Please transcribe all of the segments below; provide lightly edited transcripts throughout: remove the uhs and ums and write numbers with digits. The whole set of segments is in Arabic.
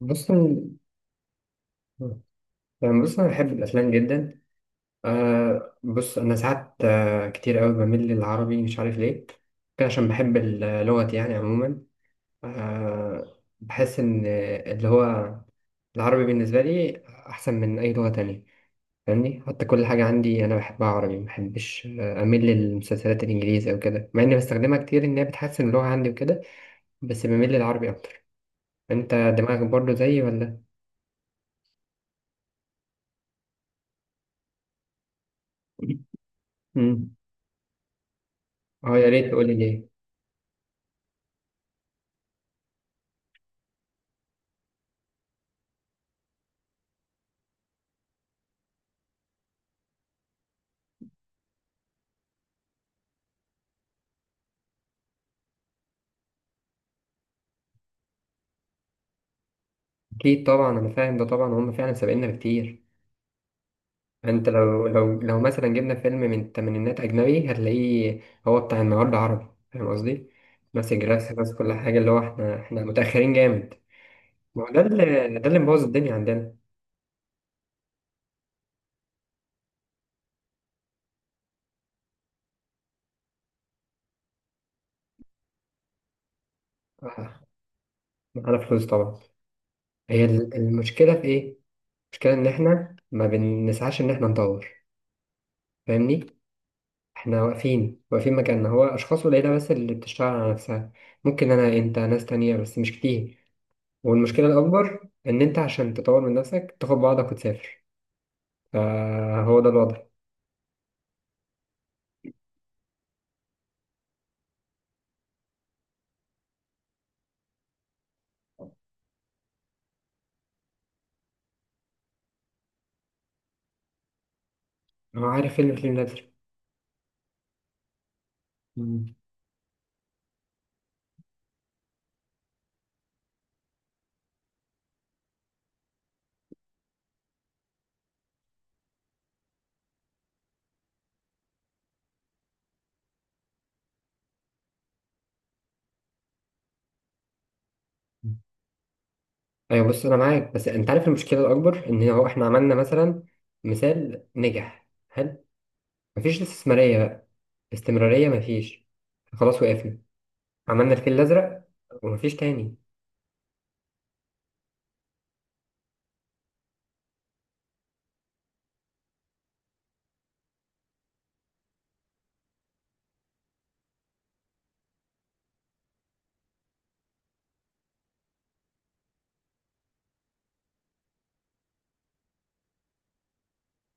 بص أنا- يعني بص أنا بحب الأفلام جدا. بص أنا ساعات كتير أوي بميل للعربي، مش عارف ليه. كان عشان بحب اللغة يعني عموما. آه بحس إن اللي هو العربي بالنسبة لي أحسن من أي لغة تانية، فاهمني؟ حتى كل حاجة عندي أنا بحبها عربي، مبحبش أميل للمسلسلات الإنجليزي أو كده، مع إني بستخدمها كتير إن هي بتحسن اللغة عندي وكده. بس بميل للعربي أكتر. أنت دماغك برضه زيي ولا؟ مم. اه، يا ريت تقولي ليه. اكيد طبعا، انا فاهم ده طبعا، هم فعلا سابقنا بكتير. انت لو مثلا جبنا فيلم من الثمانينات اجنبي، هتلاقيه هو بتاع النهارده عربي. فاهم قصدي؟ نفس الجرافيك نفس كل حاجه. اللي هو احنا متاخرين جامد. ما هو ده اللي مبوظ الدنيا عندنا. آه، معانا فلوس طبعا. هي المشكله في ايه؟ المشكله ان احنا ما بنسعاش ان احنا نطور، فاهمني؟ احنا واقفين واقفين مكاننا. هو اشخاص قليله بس اللي بتشتغل على نفسها. ممكن انا، انت، ناس تانية، بس مش كتير. والمشكلة الأكبر إن أنت عشان تطور من نفسك تاخد بعضك وتسافر. فهو ده الوضع. هو عارف فيلم نازل. مم. أيوة، بص أنا معاك، بس أنت عارف المشكلة الأكبر إن هو إحنا عملنا مثلا مثال نجح حلو، مفيش استثمارية بقى، استمرارية مفيش، خلاص وقفنا. عملنا الفيل الأزرق ومفيش تاني.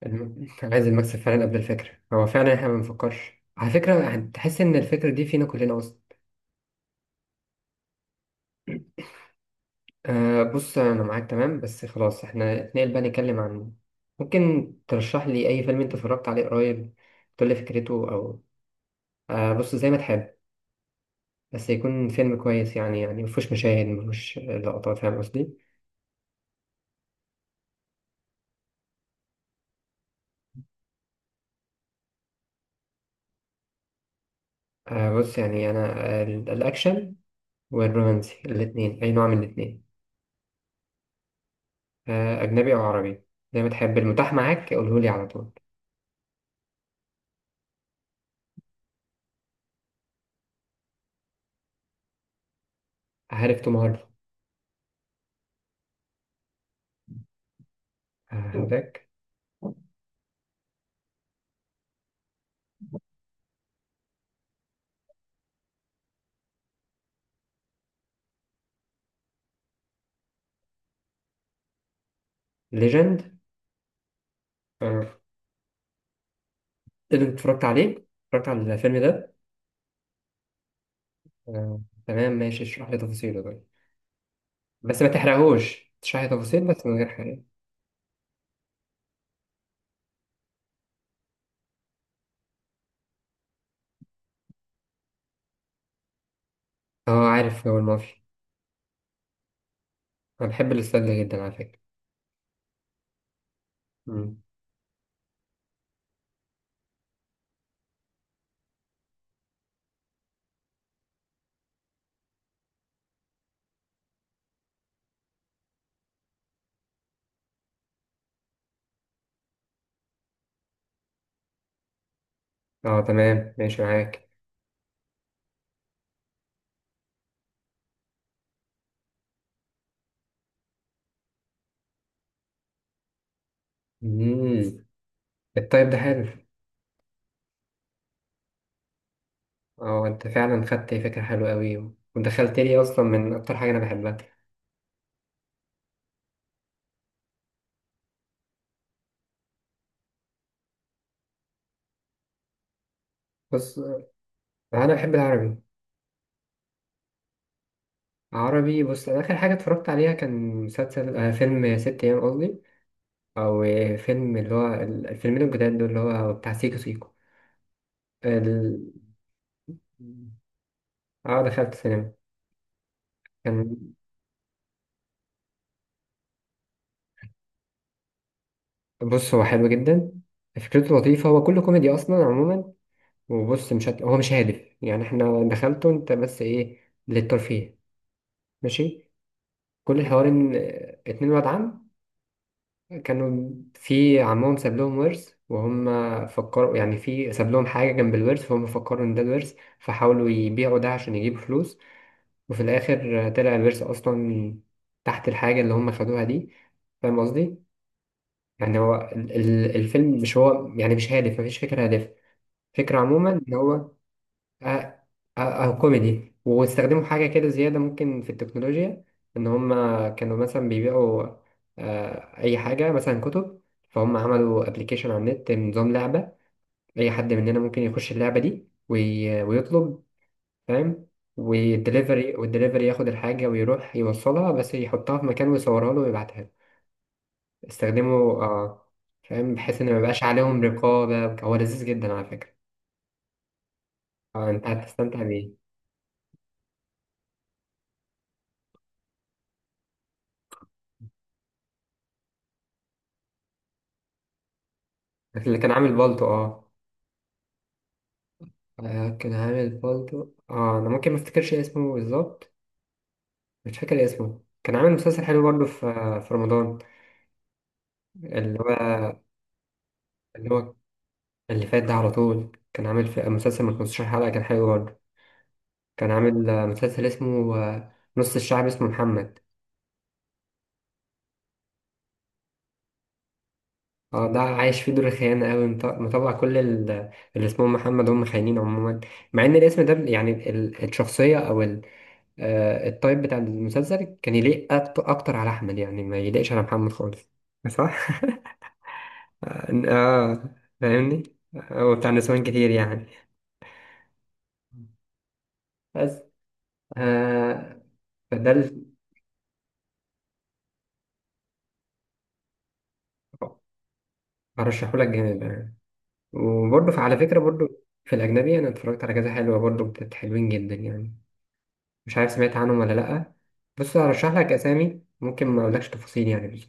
عايز المكسب فعلا قبل الفكرة. هو فعلا إحنا ما بنفكرش، على فكرة هتحس إن الفكرة دي فينا كلنا أصلا. أه، بص أنا معاك تمام، بس خلاص احنا اتنقل بقى نتكلم عن ممكن ترشح لي أي فيلم أنت اتفرجت عليه قريب، تقول لي فكرته أو... أه بص زي ما تحب، بس يكون فيلم كويس يعني مفهوش مشاهد مفهوش لقطات، فاهم قصدي؟ أه بص يعني أنا الأكشن والرومانسي، الاتنين، أي نوع من الاتنين. أه أجنبي أو عربي، زي ما تحب المتاح معاك قولهولي على طول. عارف توم هاردي؟ أه هداك. ليجند. أه، إيه اللي اتفرجت عليه؟ اتفرجت على الفيلم ده؟ آه، تمام ماشي، اشرح لي تفاصيله طيب. بس ما تحرقهوش، اشرح لي تفاصيل بس من غير حرق. اه عارف، هو المافيا. انا بحب الاستاذ ده جدا، على فكرة. مم. اه تمام ماشي معاك. مم. الطيب ده حلو. اه انت فعلا خدت فكرة حلوة قوي، ودخلت لي اصلا من اكتر حاجة انا بحبها. بص، انا بحب العربي. عربي، بص انا اخر حاجة اتفرجت عليها كان مسلسل فيلم ست ايام قصدي، او فيلم، اللي هو الفيلمين الجداد دول اللي هو بتاع سيكو سيكو. ال- اه دخلت سينما. كان، بص هو حلو جدا، فكرته لطيفة. هو كله كوميدي أصلا عموما. وبص، مش هت... هو مش هادف يعني، احنا دخلته انت بس ايه، للترفيه. ماشي. كل الحوار ان اتنين واد عم كانوا في عمهم ساب لهم ورث، وهم فكروا يعني في ساب لهم حاجة جنب الورث، فهم فكروا ان ده الورث فحاولوا يبيعوا ده عشان يجيبوا فلوس. وفي الآخر طلع الورث أصلا تحت الحاجة اللي هم خدوها دي. فاهم قصدي؟ يعني هو الفيلم مش هو يعني، مش هادف، مفيش فكرة هادفة. فكرة عموما إن هو آه، كوميدي، واستخدموا حاجة كده زيادة ممكن في التكنولوجيا، إن هما كانوا مثلا بيبيعوا أي حاجة مثلا كتب. فهم عملوا أبلكيشن على النت، نظام لعبة أي حد مننا ممكن يخش اللعبة دي ويطلب، فاهم؟ والدليفري ياخد الحاجة ويروح يوصلها، بس يحطها في مكان ويصورها له ويبعتها له. استخدمه، اه، فاهم، بحيث ان ما يبقاش عليهم رقابة. هو لذيذ جدا على فكرة. اه انت هتستمتع بيه. اللي كان عامل بالطو. اه، كان عامل بالطو. اه انا ممكن ما افتكرش اسمه بالظبط. مش فاكر اسمه. كان عامل مسلسل حلو برضه في رمضان. اللي هو اللي هو اللي فات ده على طول كان عامل في مسلسل من 15 حلقة، كان حلو برضه. كان عامل مسلسل اسمه نص الشعب، اسمه محمد. اه ده عايش فيه دور الخيانة أوي، مطلع كل اللي اسمهم محمد هم خاينين عموما. مع إن الاسم ده يعني الشخصية أو التايب بتاع المسلسل كان يليق أكتر على أحمد يعني، ما يليقش على محمد خالص. صح؟ اه، فاهمني؟ هو بتاع نسوان كتير يعني، بس. آه فده برشحهولك جامد يعني. وبرضه على فكرة برضه في الأجنبي، أنا اتفرجت على كذا حلوة برضه، حلوين جدا يعني. مش عارف سمعت عنهم ولا لأ. بص هرشح لك أسامي، ممكن ما أقولكش تفاصيل يعني، بس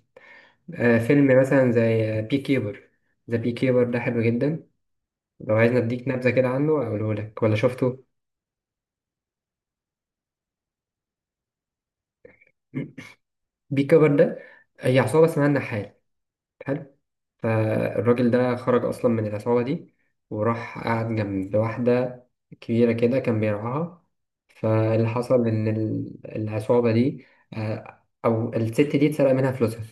فيلم مثلا زي بي كيبر. ذا بي كيبر ده حلو جدا. لو عايز نديك نبذة كده عنه أقوله لك ولا شفته؟ بي كيبر ده، هي عصابة اسمها النحال، حلو. فالراجل ده خرج أصلا من العصابة دي، وراح قعد جنب واحدة كبيرة كده كان بيرعاها. فاللي حصل إن العصابة دي أو الست دي اتسرق منها فلوسها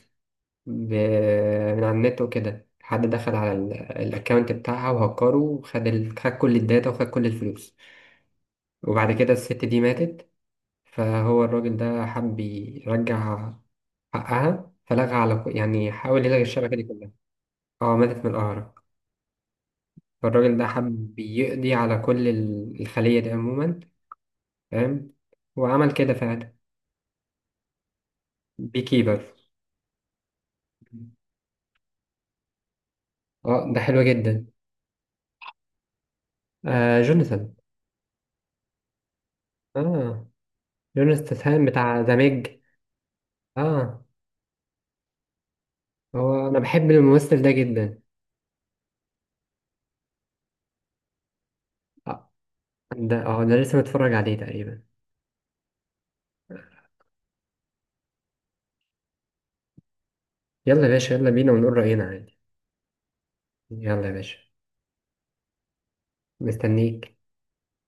ب- من على النت وكده. حد دخل على الاكونت بتاعها وهكره، وخد خد كل الداتا وخد كل الفلوس. وبعد كده الست دي ماتت. فهو الراجل ده حب يرجع حقها، فلغى على يعني حاول يلغي الشبكة دي كلها. اه ماتت من القهر. فالراجل ده حب يقضي على كل الخلية دي عموما، فاهم؟ وعمل كده فعلا. بيكيبر. اه ده حلو جدا. جوناثان. اه جوناثان بتاع ذا ميج. اه هو انا بحب الممثل ده جدا. اه اه ده لسه متفرج عليه تقريبا. يلا يا باشا، يلا بينا ونقول رأينا عادي. يلا يا باشا. مستنيك.